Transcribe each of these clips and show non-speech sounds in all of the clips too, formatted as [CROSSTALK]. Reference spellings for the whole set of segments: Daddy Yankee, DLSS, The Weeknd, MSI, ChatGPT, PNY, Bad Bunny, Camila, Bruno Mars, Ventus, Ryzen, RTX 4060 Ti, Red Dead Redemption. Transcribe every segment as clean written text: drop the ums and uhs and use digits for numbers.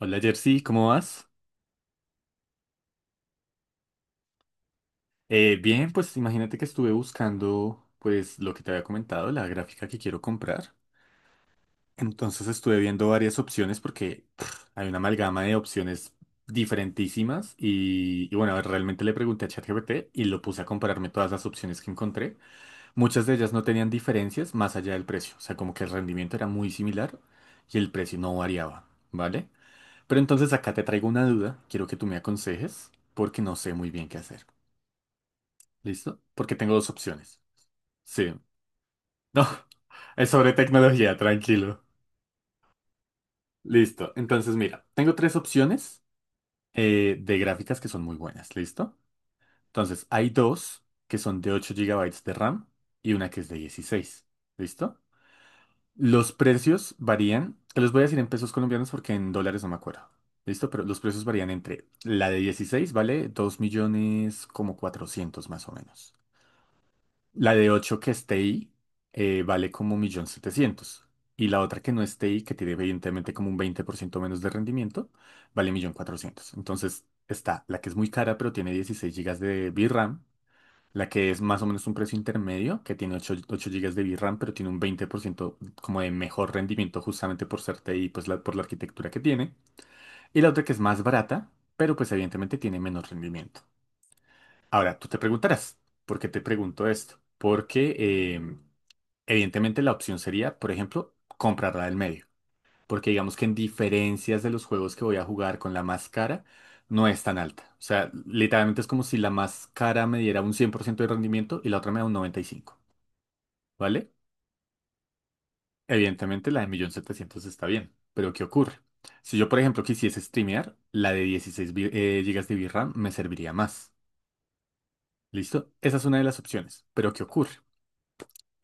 Hola Jersey, ¿cómo vas? Bien, pues imagínate que estuve buscando pues lo que te había comentado, la gráfica que quiero comprar. Entonces estuve viendo varias opciones porque pff, hay una amalgama de opciones diferentísimas y bueno, realmente le pregunté a ChatGPT y lo puse a compararme todas las opciones que encontré. Muchas de ellas no tenían diferencias más allá del precio, o sea, como que el rendimiento era muy similar y el precio no variaba, ¿vale? Pero entonces acá te traigo una duda, quiero que tú me aconsejes porque no sé muy bien qué hacer. ¿Listo? Porque tengo dos opciones. Sí. No, [LAUGHS] es sobre tecnología, tranquilo. Listo. Entonces, mira, tengo tres opciones de gráficas que son muy buenas. ¿Listo? Entonces, hay dos que son de 8 gigabytes de RAM y una que es de dieciséis. ¿Listo? Los precios varían, te los voy a decir en pesos colombianos porque en dólares no me acuerdo. ¿Listo? Pero los precios varían entre la de 16 vale 2 millones como cuatrocientos, más o menos. La de 8 que esté ahí vale como 1.700.000, y la otra que no esté ahí, que tiene evidentemente como un 20% menos de rendimiento, vale 1.400.000. Entonces está la que es muy cara pero tiene 16 gigas de VRAM, la que es más o menos un precio intermedio, que tiene ocho gigas de VRAM pero tiene un 20% como de mejor rendimiento justamente por ser T TI, pues la- por la arquitectura que tiene. Y la otra que es más barata, pero pues evidentemente tiene menos rendimiento. Ahora, tú te preguntarás, ¿por qué te pregunto esto? Em, Evidentemente la opción sería, por ejemplo, comprarla del medio, porque digamos que en diferencias de los juegos que voy a jugar con la más cara, no es tan alta. O sea, literalmente es como si la más cara me diera un 100% de rendimiento y la otra me da un 95, ¿vale? Evidentemente la de 1.700.000 está bien, pero ¿qué ocurre? Si yo, por ejemplo, quisiese streamear, la de GB de VRAM me serviría más. ¿Listo? Esa es una de las opciones, pero ¿qué ocurre?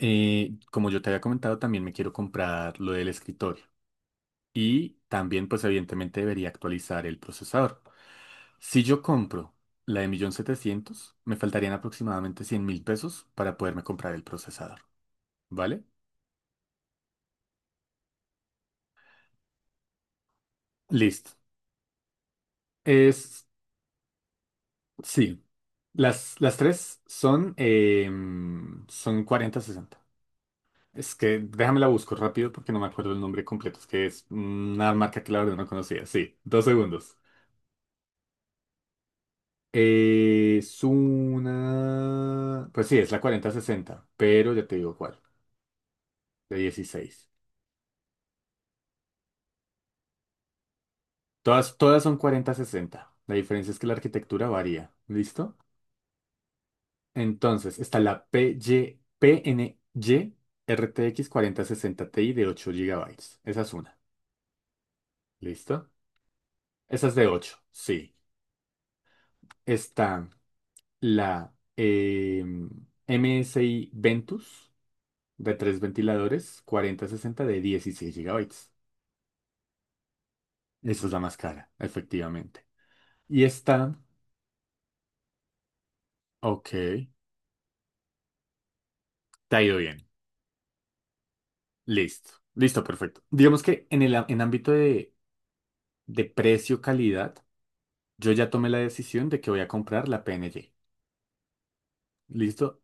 Como yo te había comentado, también me quiero comprar lo del escritorio. Y también, pues evidentemente debería actualizar el procesador. Si yo compro la de 1.700.000, me faltarían aproximadamente 100 mil pesos para poderme comprar el procesador. ¿Vale? Listo. Es, sí, las tres son, son cuarenta sesenta. Es que déjame la busco rápido porque no me acuerdo el nombre completo. Es que es una marca que la verdad no conocía. Sí, dos segundos. Es una... Pues sí, es la cuarenta sesenta pero ya te digo cuál. De dieciséis. Todas son cuarenta sesenta. La diferencia es que la arquitectura varía. ¿Listo? Entonces, está la p Y, p n y r PY, PNY RTX 4060 Ti de 8 gigabytes. Esa es una. ¿Listo? Esa es de ocho. Sí. Está la M S i Ventus de 3 ventiladores, cuarenta sesenta, de 16 gigabytes. Esa es la más cara, efectivamente. Y está... Ok. Te ha ido bien. Listo, listo, perfecto. Digamos que en el en ámbito de precio-calidad, yo ya tomé la decisión de que voy a comprar la PNG. ¿Listo?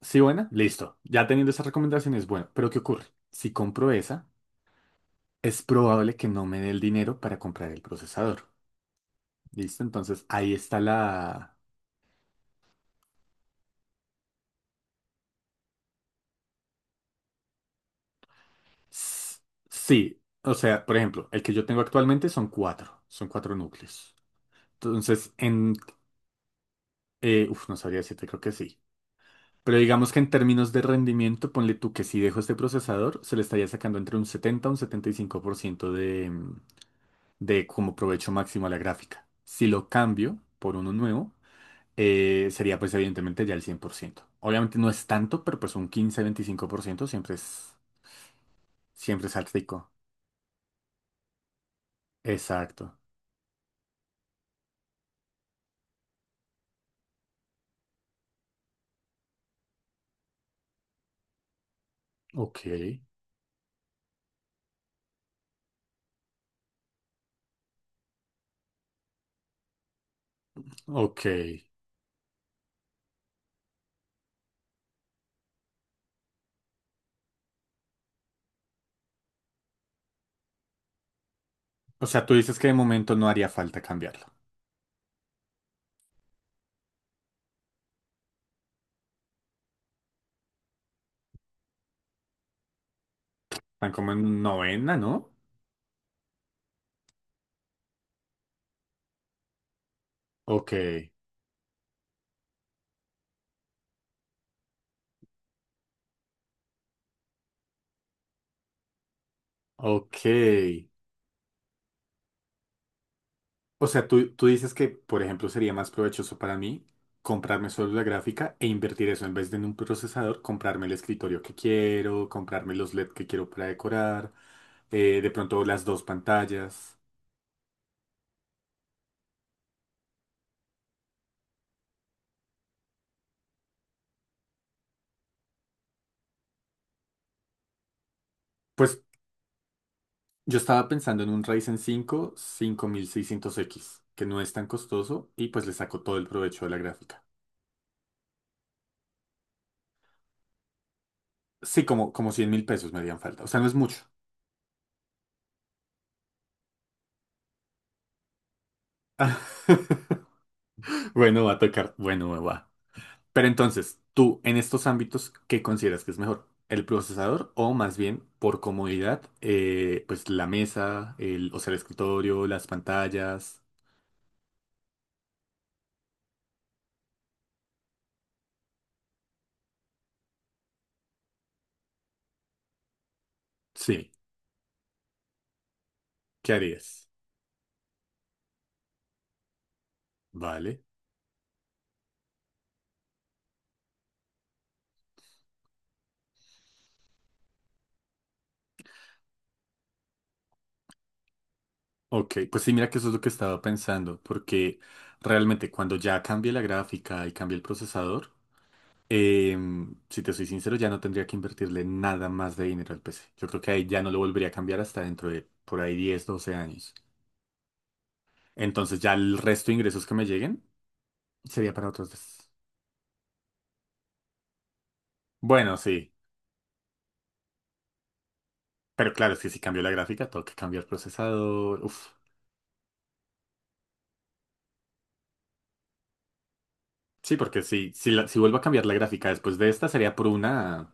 ¿Sí, buena? Listo. Ya teniendo esas recomendaciones, bueno, pero ¿qué ocurre? Si compro esa, es probable que no me dé el dinero para comprar el procesador. ¿Listo? Entonces ahí está la... S- Sí, o sea, por ejemplo, el que yo tengo actualmente son cuatro núcleos. Entonces, en... Uf, no sabría decirte, creo que sí. Pero digamos que en términos de rendimiento, ponle tú que si dejo este procesador, se le estaría sacando entre un 70 a un 75% de, de como provecho máximo a la gráfica. Si lo cambio por uno nuevo, sería pues evidentemente ya el cien por ciento. Obviamente no es tanto, pero pues un quince veinticinco por ciento siempre es altico. Exacto. Ok, ok. O sea, tú dices que de momento no haría falta cambiarlo. Están como en novena, ¿no? Ok, ok. O sea, tú dices que, por ejemplo, sería más provechoso para mí comprarme solo la gráfica e invertir eso en vez de en un procesador, comprarme el escritorio que quiero, comprarme los LED que quiero para decorar, de pronto las dos pantallas. Pues yo estaba pensando en un Ryzen 5 5600X que no es tan costoso y pues le saco todo el provecho de la gráfica. Sí, como, como 100 mil pesos me harían falta. O sea, no es mucho. [LAUGHS] Bueno, va a tocar. Bueno, va. Pero entonces, tú en estos ámbitos, ¿qué consideras que es mejor? ¿El procesador o más bien por comodidad, pues la mesa, el, o sea, el escritorio, las pantallas? Sí, ¿qué harías? Vale. Ok, pues sí, mira que eso es lo que estaba pensando, porque realmente cuando ya cambie la gráfica y cambie el procesador, si te soy sincero, ya no tendría que invertirle nada más de dinero al PC. Yo creo que ahí ya no lo volvería a cambiar hasta dentro de por ahí 10, 12 años. Entonces ya el resto de ingresos que me lleguen sería para otros dos. Bueno, sí. Pero claro, es que si cambio la gráfica, tengo que cambiar procesador. Uf. Sí, porque si vuelvo a cambiar la gráfica después de esta, sería por una...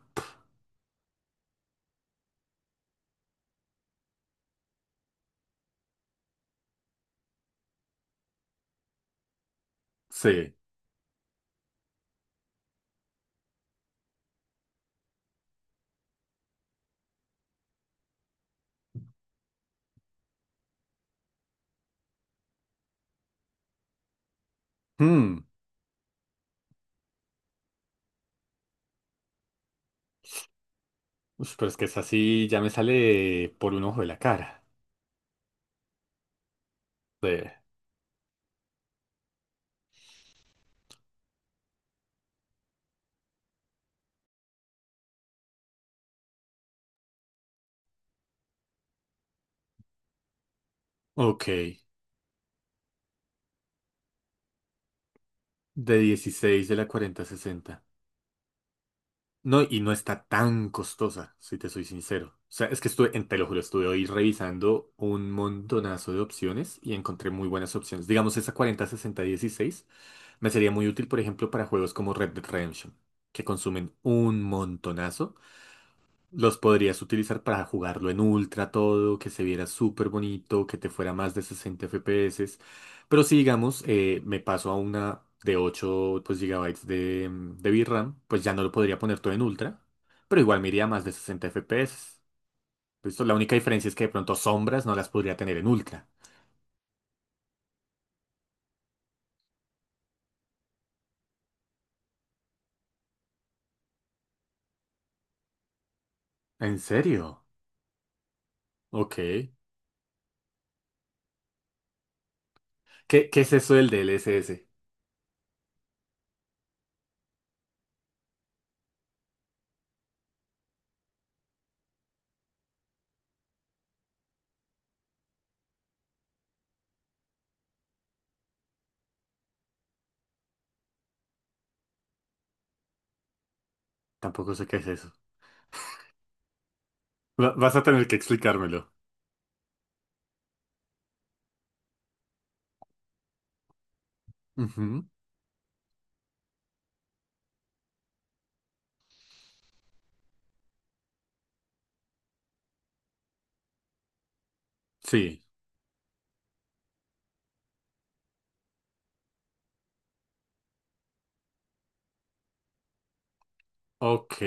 Sí. Hmm. Uf, pero es que esa sí ya me sale por un ojo de la cara. Sí. Ok. De dieciséis, de la cuarenta sesenta. No, y no está tan costosa, si te soy sincero. O sea, es que estuve, te lo juro, estuve hoy revisando un montonazo de opciones y encontré muy buenas opciones. Digamos, esa 40, 60, 16 me sería muy útil, por ejemplo, para juegos como Red Dead Redemption, que consumen un montonazo. Los podrías utilizar para jugarlo en ultra todo, que se viera súper bonito, que te fuera más de 60 FPS. Pero si digamos, me paso a una de 8 pues, GB de, de VRAM, pues ya no lo podría poner todo en ultra, pero igual me iría a más de 60 FPS. ¿Listo? La única diferencia es que de pronto sombras no las podría tener en ultra. ¿En serio? Ok. Qué es eso del D L s s Tampoco sé qué es eso. Vas a tener que explicármelo. Ujú. Sí. Ok.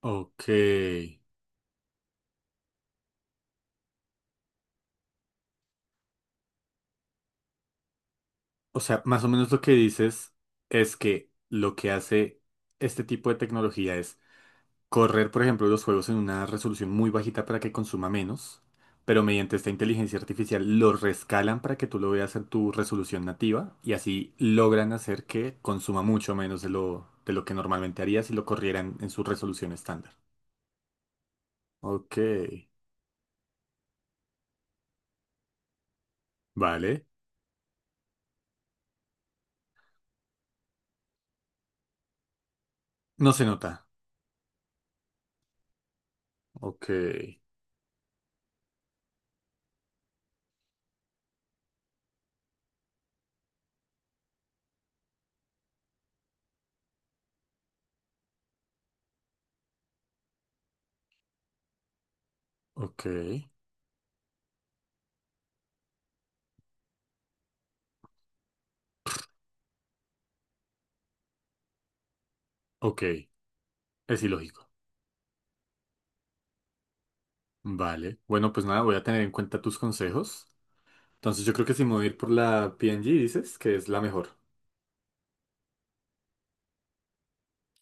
Ok. O sea, más o menos lo que dices es que lo que hace este tipo de tecnología es correr, por ejemplo, los juegos en una resolución muy bajita para que consuma menos, pero mediante esta inteligencia artificial lo rescalan para que tú lo veas en tu resolución nativa y así logran hacer que consuma mucho menos de lo que normalmente haría si lo corrieran en su resolución estándar. Ok. Vale. No se nota. Ok. Ok. Ok. Es ilógico. Vale. Bueno, pues nada, voy a tener en cuenta tus consejos. Entonces yo creo que si me voy a ir por la PNG, dices que es la mejor.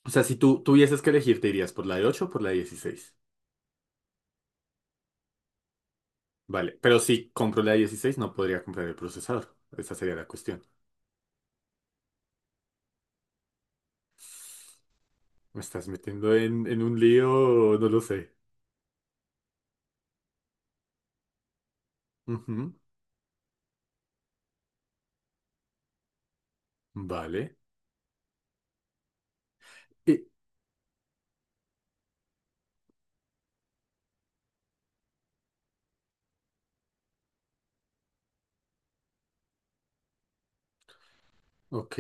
O sea, si tú tuvieses que elegir, ¿te irías por la de 8 o por la de 16? Vale. Pero si compro la de 16, no podría comprar el procesador. Esa sería la cuestión. Me estás metiendo en un lío, no lo sé. Ujú. Vale. Y, ok.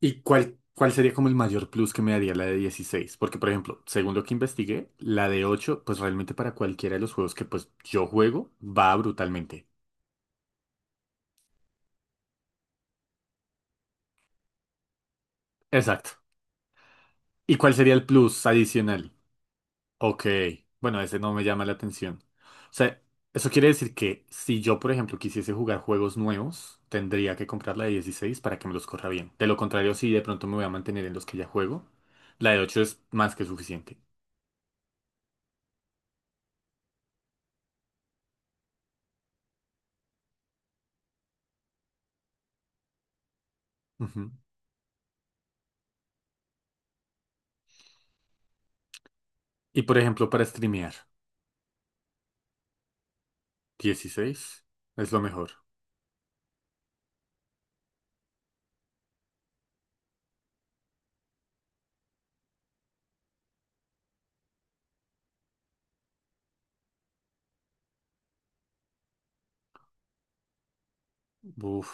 ¿Y cuál sería como el mayor plus que me daría la de dieciséis? Porque, por ejemplo, según lo que investigué, la de 8 pues realmente para cualquiera de los juegos que pues yo juego, va brutalmente. Exacto. ¿Y cuál sería el plus adicional? Ok, bueno, ese no me llama la atención. O sea, eso quiere decir que si yo, por ejemplo, quisiese jugar juegos nuevos, tendría que comprar la de 16 para que me los corra bien. De lo contrario, si de pronto me voy a mantener en los que ya juego, la de 8 es más que suficiente. Ujú. Y, por ejemplo, para streamear. Dieciséis es lo mejor. Uf.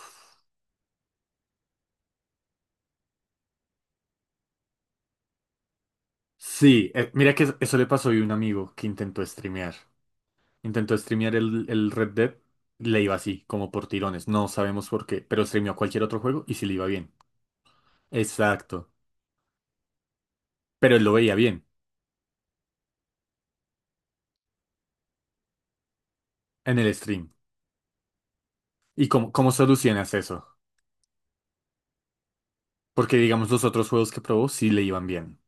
Sí, mira que eso le pasó a un amigo que intentó streamear. Intentó streamear el Red Dead, le iba así, como por tirones. No sabemos por qué, pero streameó cualquier otro juego y sí le iba bien. Exacto. Pero él lo veía bien en el stream. Cómo solucionas eso? Porque digamos los otros juegos que probó sí le iban bien.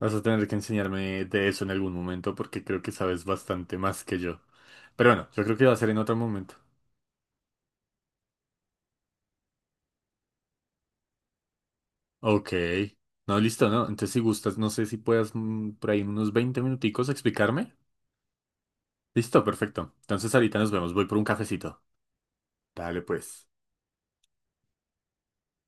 Vas a tener que enseñarme de eso en algún momento porque creo que sabes bastante más que yo. Pero bueno, yo creo que va a ser en otro momento. Ok. No, listo, ¿no? Entonces, si gustas, no sé si puedas por ahí en unos 20 minuticos explicarme. Listo, perfecto. Entonces, ahorita nos vemos. Voy por un cafecito. Dale, pues.